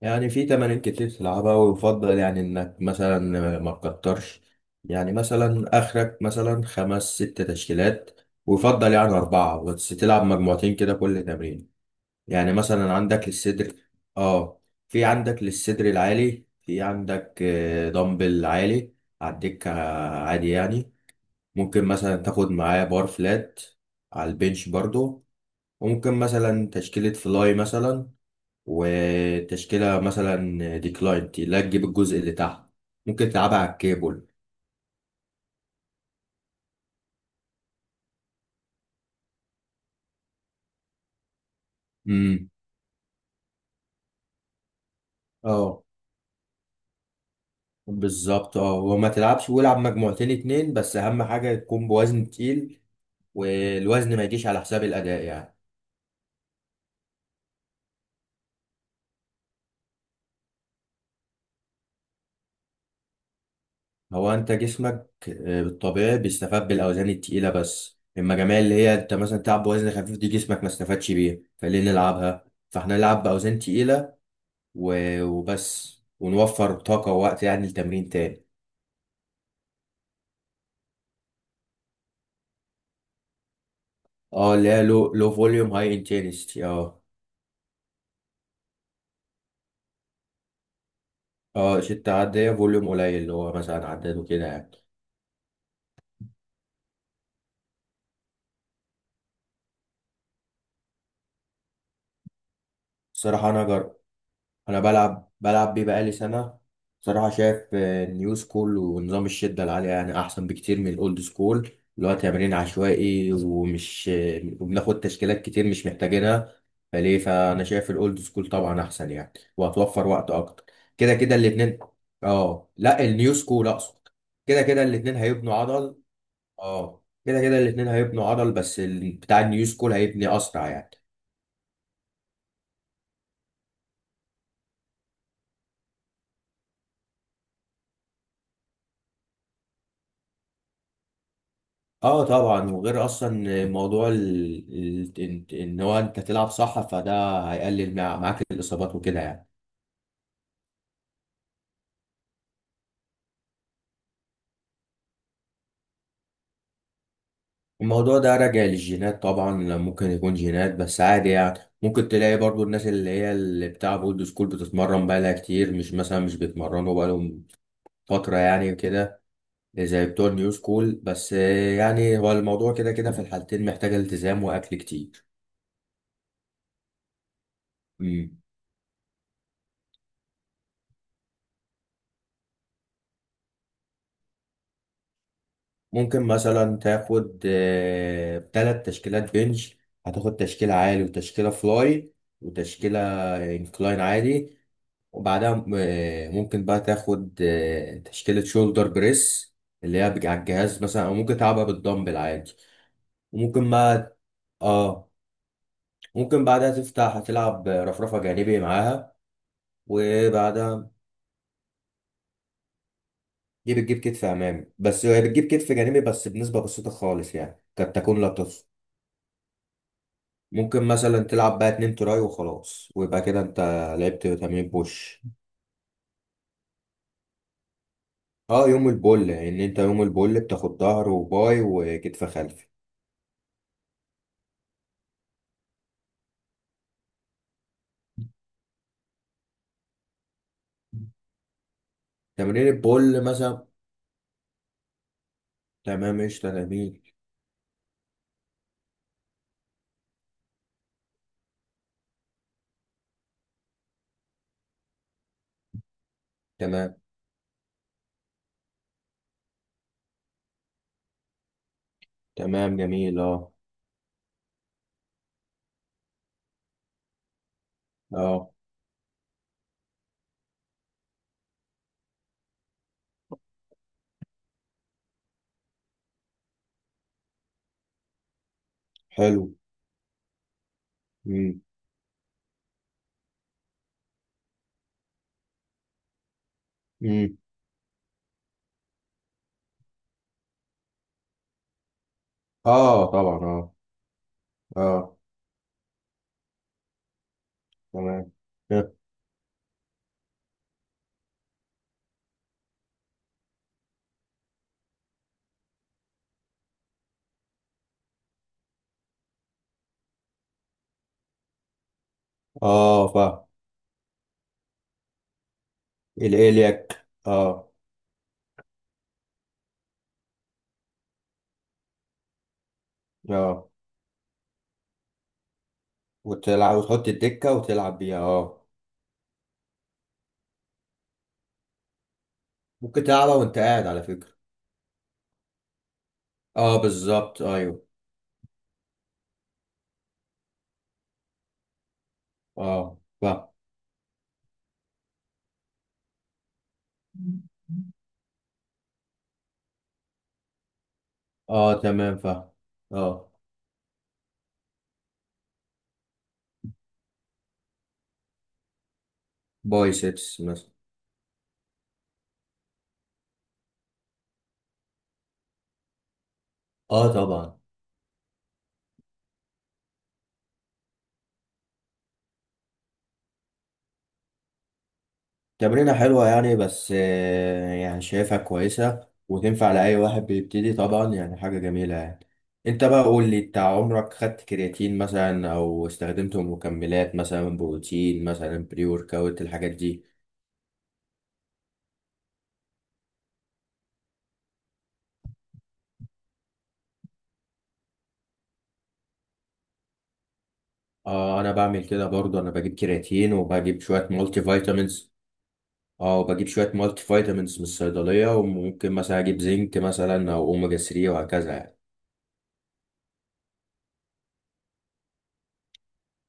يعني في تمارين كتير تلعبها، ويفضل يعني انك مثلا ما تكترش. يعني مثلا اخرك مثلا خمس ست تشكيلات، ويفضل يعني اربعة بس تلعب مجموعتين كده كل تمرين. يعني مثلا عندك للصدر. اه. في عندك للصدر العالي، في عندك دمبل عالي على الدكة عادي يعني. ممكن مثلا تاخد معاه بار فلات على البنش برضو. وممكن مثلا تشكيلة فلاي مثلا، وتشكيلة مثلا ديكلاين لا تجيب الجزء اللي تحت، ممكن تلعبها على الكيبل. امم. اه بالظبط. اه وما تلعبش، والعب مجموعتين اتنين بس، اهم حاجة يكون بوزن تقيل، والوزن ما يجيش على حساب الأداء يعني. هو انت جسمك بالطبيعي بيستفاد بالاوزان التقيلة، بس اما جميع اللي هي انت مثلا تلعب بوزن خفيف، دي جسمك ما استفادش بيها، فليه نلعبها؟ فاحنا نلعب باوزان تقيلة وبس، ونوفر طاقة ووقت يعني لتمرين تاني. اه اللي هي لو فوليوم هاي انتنسيتي اه. اه شدة عادية فوليوم قليل، اللي هو مثلا عداد وكده يعني. الصراحة أنا أنا بلعب بيه بقالي سنة. صراحة شايف النيو سكول ونظام الشدة العالية يعني أحسن بكتير من الأولد سكول، اللي هو تمرين عشوائي ومش وبناخد تشكيلات كتير مش محتاجينها، فليه؟ فأنا شايف الأولد سكول طبعا أحسن يعني، وهتوفر وقت أكتر. كده كده الاتنين. اه لا، النيو سكول أقصد. كده كده الاتنين هيبنوا عضل. اه كده كده الاتنين هيبنوا عضل، بس بتاع النيو سكول هيبني اسرع يعني. اه طبعا. وغير اصلا موضوع إن هو انت تلعب صح، فده هيقلل معاك الاصابات وكده يعني. الموضوع ده راجع للجينات طبعا. ممكن يكون جينات بس، عادي يعني. ممكن تلاقي برضو الناس اللي هي اللي بتاع اولد سكول بتتمرن بقالها كتير، مش مثلا مش بيتمرنوا بقالهم فترة يعني كده زي بتوع النيو سكول. بس يعني هو الموضوع كده كده في الحالتين محتاج التزام واكل كتير. ممكن مثلا تاخد ثلاث تشكيلات بنش. هتاخد تشكيلة عالي وتشكيلة فلاي وتشكيلة انكلاين عادي. وبعدها ممكن بقى تاخد تشكيلة شولدر بريس اللي هي على الجهاز مثلا، او ممكن تلعبها بالدمبل عادي. وممكن بقى. اه. ممكن بعدها تفتح، هتلعب رفرفة جانبي معاها وبعدها. دي بتجيب كتف امامي بس، هي بتجيب كتف جانبي بس بنسبة بسيطة خالص يعني، قد تكون لا تحصى. ممكن مثلا تلعب بقى اتنين تراي وخلاص، ويبقى كده انت لعبت تمرين بوش. اه يوم البول، ان انت يوم البول بتاخد ظهر وباي وكتف خلفي. تمرين البول مثلا. تمام، قشطة، جميل. تمام. تمام جميل اه. اه. حلو. مم. مم. اه طبعا اه. اه تمام. اه فاهم. الالياك اه. اه وتلعب وتحط الدكة وتلعب بيها اه. ممكن تلعبها وانت قاعد على فكرة. اه بالظبط ايوه. اه فاهم. اه تمام فاهم. اه. بايسبس مثلا. اه طبعا. تمرينة حلوة يعني، بس آه يعني شايفها كويسة وتنفع لأي واحد بيبتدي طبعا يعني، حاجة جميلة يعني. انت بقى قول لي، انت عمرك خدت كرياتين مثلا، او استخدمت مكملات مثلا بروتين مثلا بري ورك اوت الحاجات دي؟ اه انا بعمل كده برضه، انا بجيب كرياتين وبجيب شوية مالتي فيتامينز. اه بجيب شوية مالتي فيتامينز من الصيدلية، وممكن مثلا أجيب زنك مثلا، أو أوميجا 3 وهكذا يعني.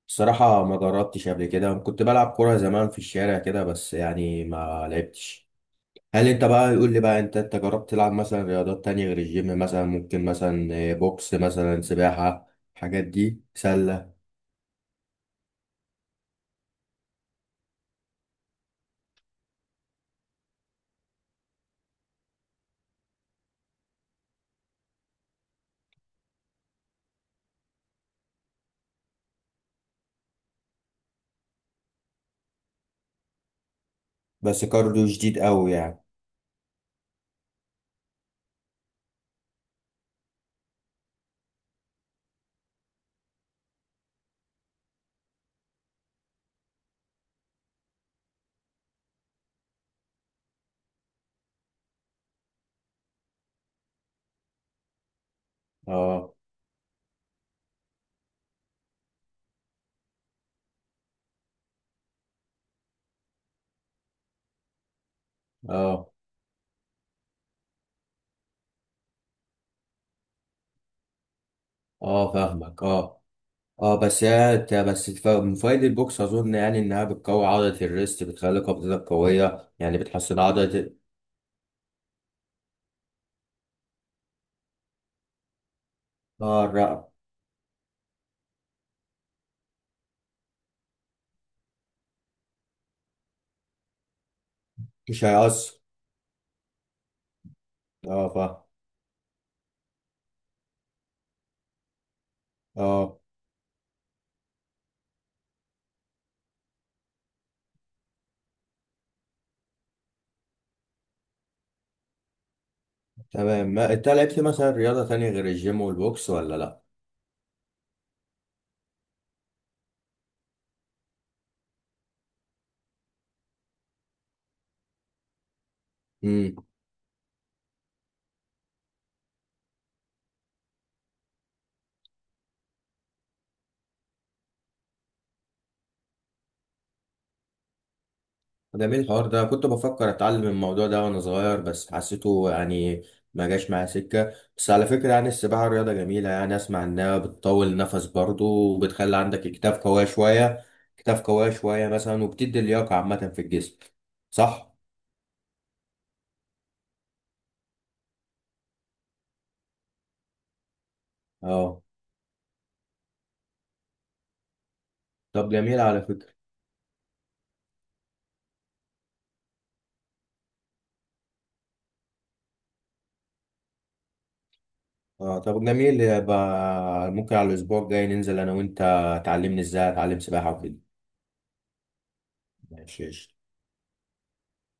الصراحة ما جربتش قبل كده، كنت بلعب كورة زمان في الشارع كده بس، يعني ما لعبتش. هل انت بقى يقول لي بقى، انت جربت تلعب مثلا رياضات تانية غير الجيم، مثلا ممكن مثلا بوكس مثلا، سباحة، الحاجات دي، سلة؟ بس كارديو شديد قوي يعني. اه. اه. اه فاهمك اه. اه بس هي ت- بس الف- من فوائد البوكس اظن يعني انها بتقوي عضله الريست، بتخلي قبضتك قويه يعني بتحسن عضله. اه الرقبه. مش هيأثر. اه اه تمام. ما انت لعبت مثلا رياضه تانية غير الجيم والبوكس ولا؟ لا. جميل الحوار ده، كنت بفكر اتعلم الموضوع ده وانا صغير بس حسيته يعني ما جاش معايا سكه. بس على فكره يعني السباحه رياضه جميله يعني، اسمع انها بتطول النفس برضو، وبتخلي عندك اكتاف قويه شويه. اكتاف قويه شويه مثلا، وبتدي لياقه عامه في الجسم، صح؟ اه طب جميل على فكره. اه طب جميل، يبقى ممكن على الاسبوع الجاي ننزل انا وانت، تعلمني ازاي اتعلم سباحه وكده. ماشي.